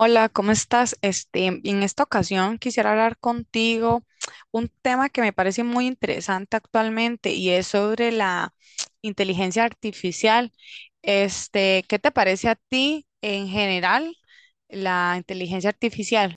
Hola, ¿cómo estás? En esta ocasión quisiera hablar contigo un tema que me parece muy interesante actualmente y es sobre la inteligencia artificial. ¿Qué te parece a ti en general la inteligencia artificial?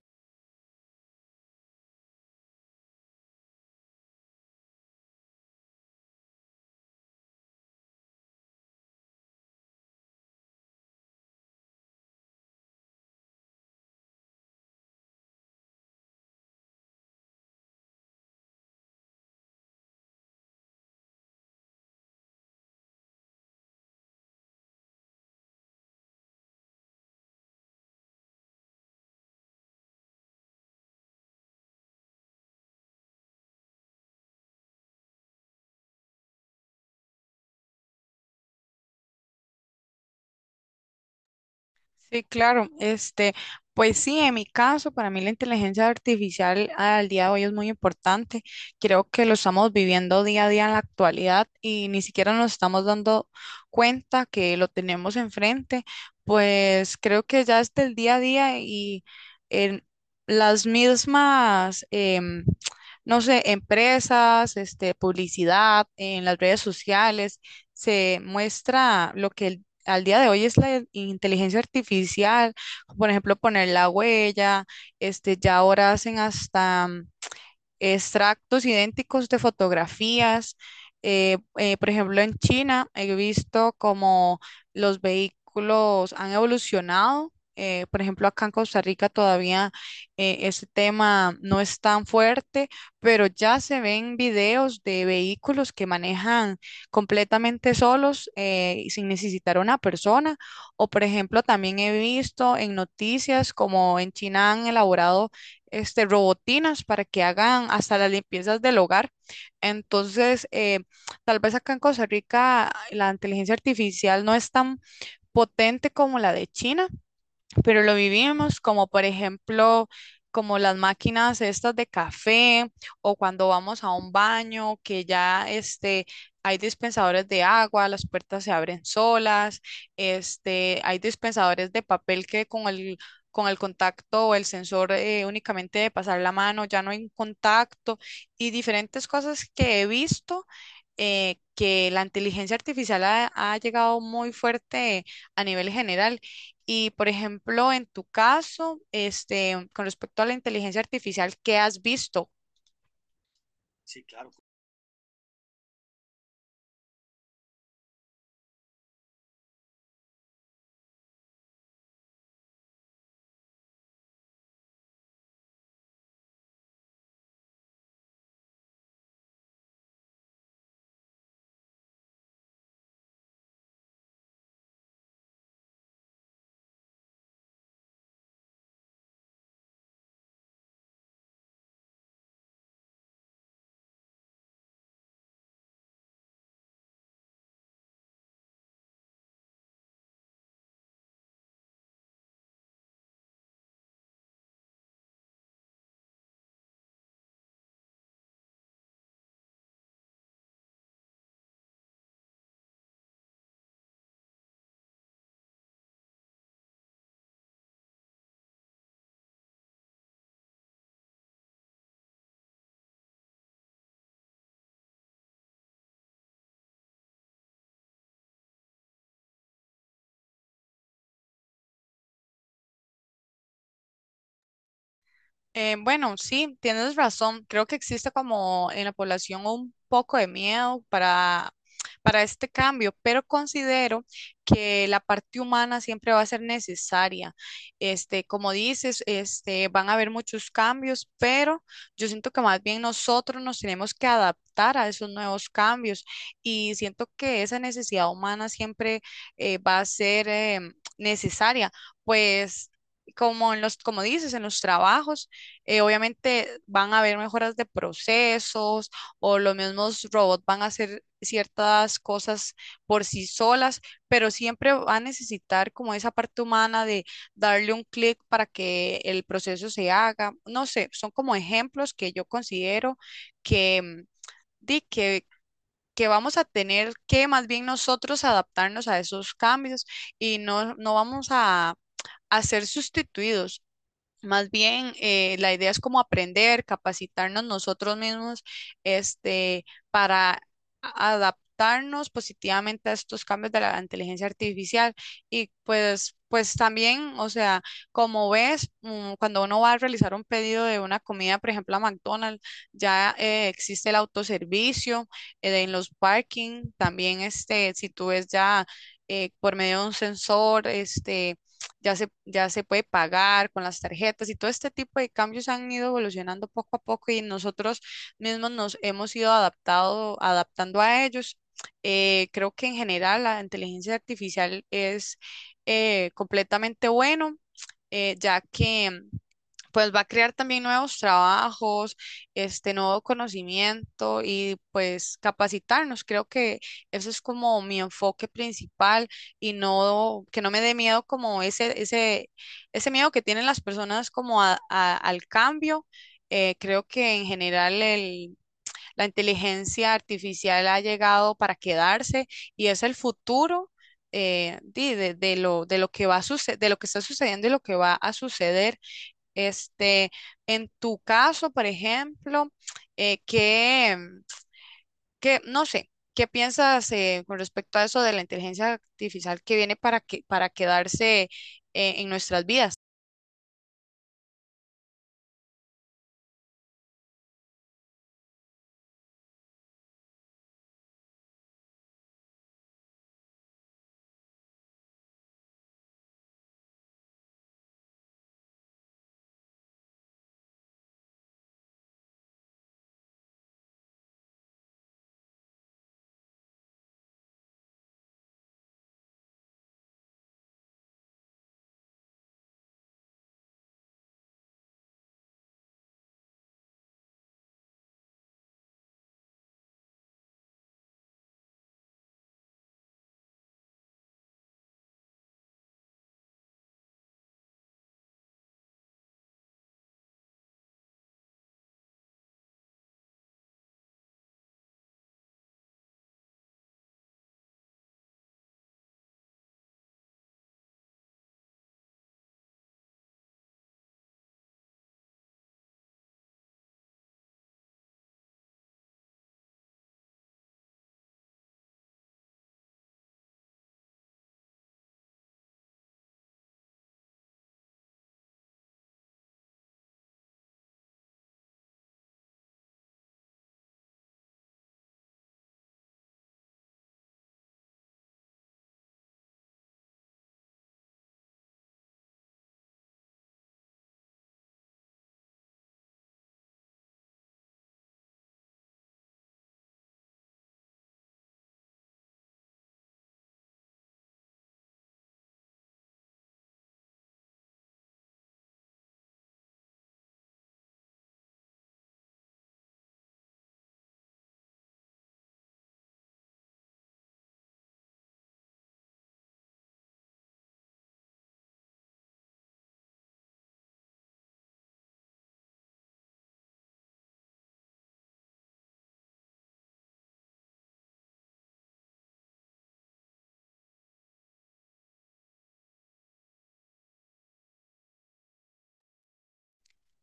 Sí, claro. Pues sí, en mi caso, para mí la inteligencia artificial al día de hoy es muy importante. Creo que lo estamos viviendo día a día en la actualidad y ni siquiera nos estamos dando cuenta que lo tenemos enfrente. Pues creo que ya es del día a día y en las mismas, no sé, empresas, publicidad, en las redes sociales, se muestra lo que el al día de hoy es la inteligencia artificial, por ejemplo, poner la huella, ya ahora hacen hasta extractos idénticos de fotografías. Por ejemplo, en China he visto como los vehículos han evolucionado. Por ejemplo, acá en Costa Rica todavía ese tema no es tan fuerte, pero ya se ven videos de vehículos que manejan completamente solos y sin necesitar una persona. O, por ejemplo, también he visto en noticias como en China han elaborado robotinas para que hagan hasta las limpiezas del hogar. Entonces, tal vez acá en Costa Rica la inteligencia artificial no es tan potente como la de China, pero lo vivíamos como por ejemplo, como las máquinas estas de café o cuando vamos a un baño que ya hay dispensadores de agua, las puertas se abren solas, hay dispensadores de papel que con el con el contacto o el sensor únicamente de pasar la mano, ya no hay un contacto y diferentes cosas que he visto que la inteligencia artificial ha llegado muy fuerte a nivel general y, por ejemplo, en tu caso, con respecto a la inteligencia artificial, ¿qué has visto? Bueno, sí, tienes razón. Creo que existe como en la población un poco de miedo para este cambio, pero considero que la parte humana siempre va a ser necesaria. Como dices, van a haber muchos cambios, pero yo siento que más bien nosotros nos tenemos que adaptar a esos nuevos cambios y siento que esa necesidad humana siempre va a ser necesaria, pues como en los, como dices, en los trabajos obviamente van a haber mejoras de procesos o los mismos robots van a hacer ciertas cosas por sí solas, pero siempre va a necesitar como esa parte humana de darle un clic para que el proceso se haga. No sé, son como ejemplos que yo considero que, mm, que que vamos a tener que más bien nosotros adaptarnos a esos cambios y no vamos a ser sustituidos. Más bien, la idea es como aprender, capacitarnos nosotros mismos, este, para adaptarnos positivamente a estos cambios de la inteligencia artificial. Y pues, pues también, o sea, como ves, cuando uno va a realizar un pedido de una comida, por ejemplo, a McDonald's, ya existe el autoservicio en los parking. También, si tú ves ya por medio de un sensor, ya se puede pagar con las tarjetas y todo este tipo de cambios han ido evolucionando poco a poco y nosotros mismos nos hemos ido adaptando a ellos. Creo que en general la inteligencia artificial es completamente bueno, ya que pues va a crear también nuevos trabajos, este nuevo conocimiento y pues capacitarnos. Creo que eso es como mi enfoque principal y no que no me dé miedo como ese miedo que tienen las personas como al cambio. Creo que en general la inteligencia artificial ha llegado para quedarse y es el futuro de lo que va a suce- de lo que está sucediendo y lo que va a suceder. Este, en tu caso, por ejemplo, eh, ¿qué, no sé, ¿qué piensas con respecto a eso de la inteligencia artificial que viene para quedarse en nuestras vidas?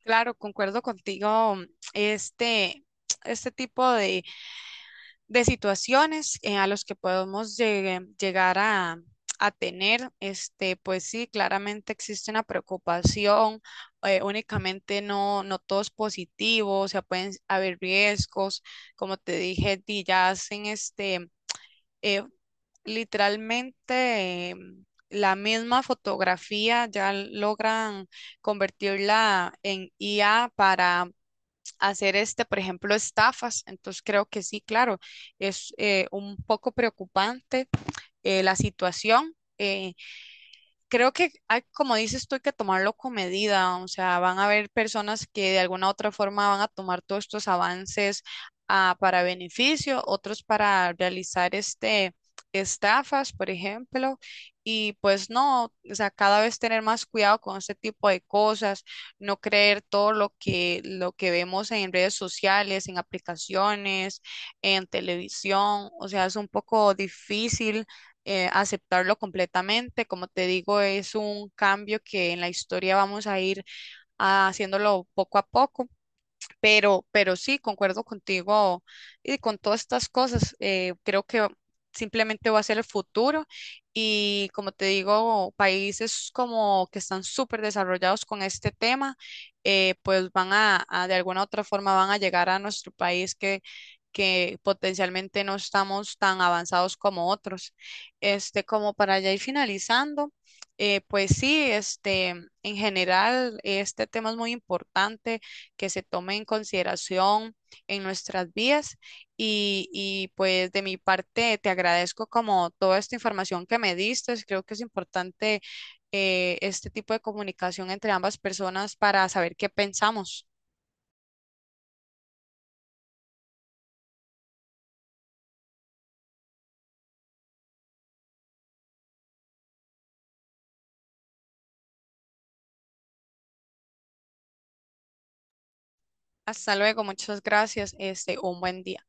Claro, concuerdo contigo. Este, este tipo de situaciones a los que podemos llegar a tener, pues sí, claramente existe una preocupación, únicamente no todo es positivo, o sea, pueden haber riesgos, como te dije, y ya hacen eh, literalmente... eh, la misma fotografía ya logran convertirla en IA para hacer por ejemplo, estafas. Entonces creo que sí, claro, es un poco preocupante la situación. Creo que, como dices tú, hay que tomarlo con medida, o sea, van a haber personas que de alguna u otra forma van a tomar todos estos avances para beneficio, otros para realizar estafas, por ejemplo, y pues no, o sea, cada vez tener más cuidado con este tipo de cosas, no creer todo lo que vemos en redes sociales, en aplicaciones, en televisión, o sea, es un poco difícil aceptarlo completamente. Como te digo, es un cambio que en la historia vamos a ir haciéndolo poco a poco. Pero sí, concuerdo contigo y con todas estas cosas. Creo que simplemente va a ser el futuro y como te digo, países como que están súper desarrollados con este tema, pues van a, de alguna u otra forma, van a llegar a nuestro país que potencialmente no estamos tan avanzados como otros. Como para ya ir finalizando, pues sí, en general, este tema es muy importante que se tome en consideración en nuestras vías y pues de mi parte te agradezco como toda esta información que me diste. Creo que es importante este tipo de comunicación entre ambas personas para saber qué pensamos. Hasta luego, muchas gracias. Un buen día.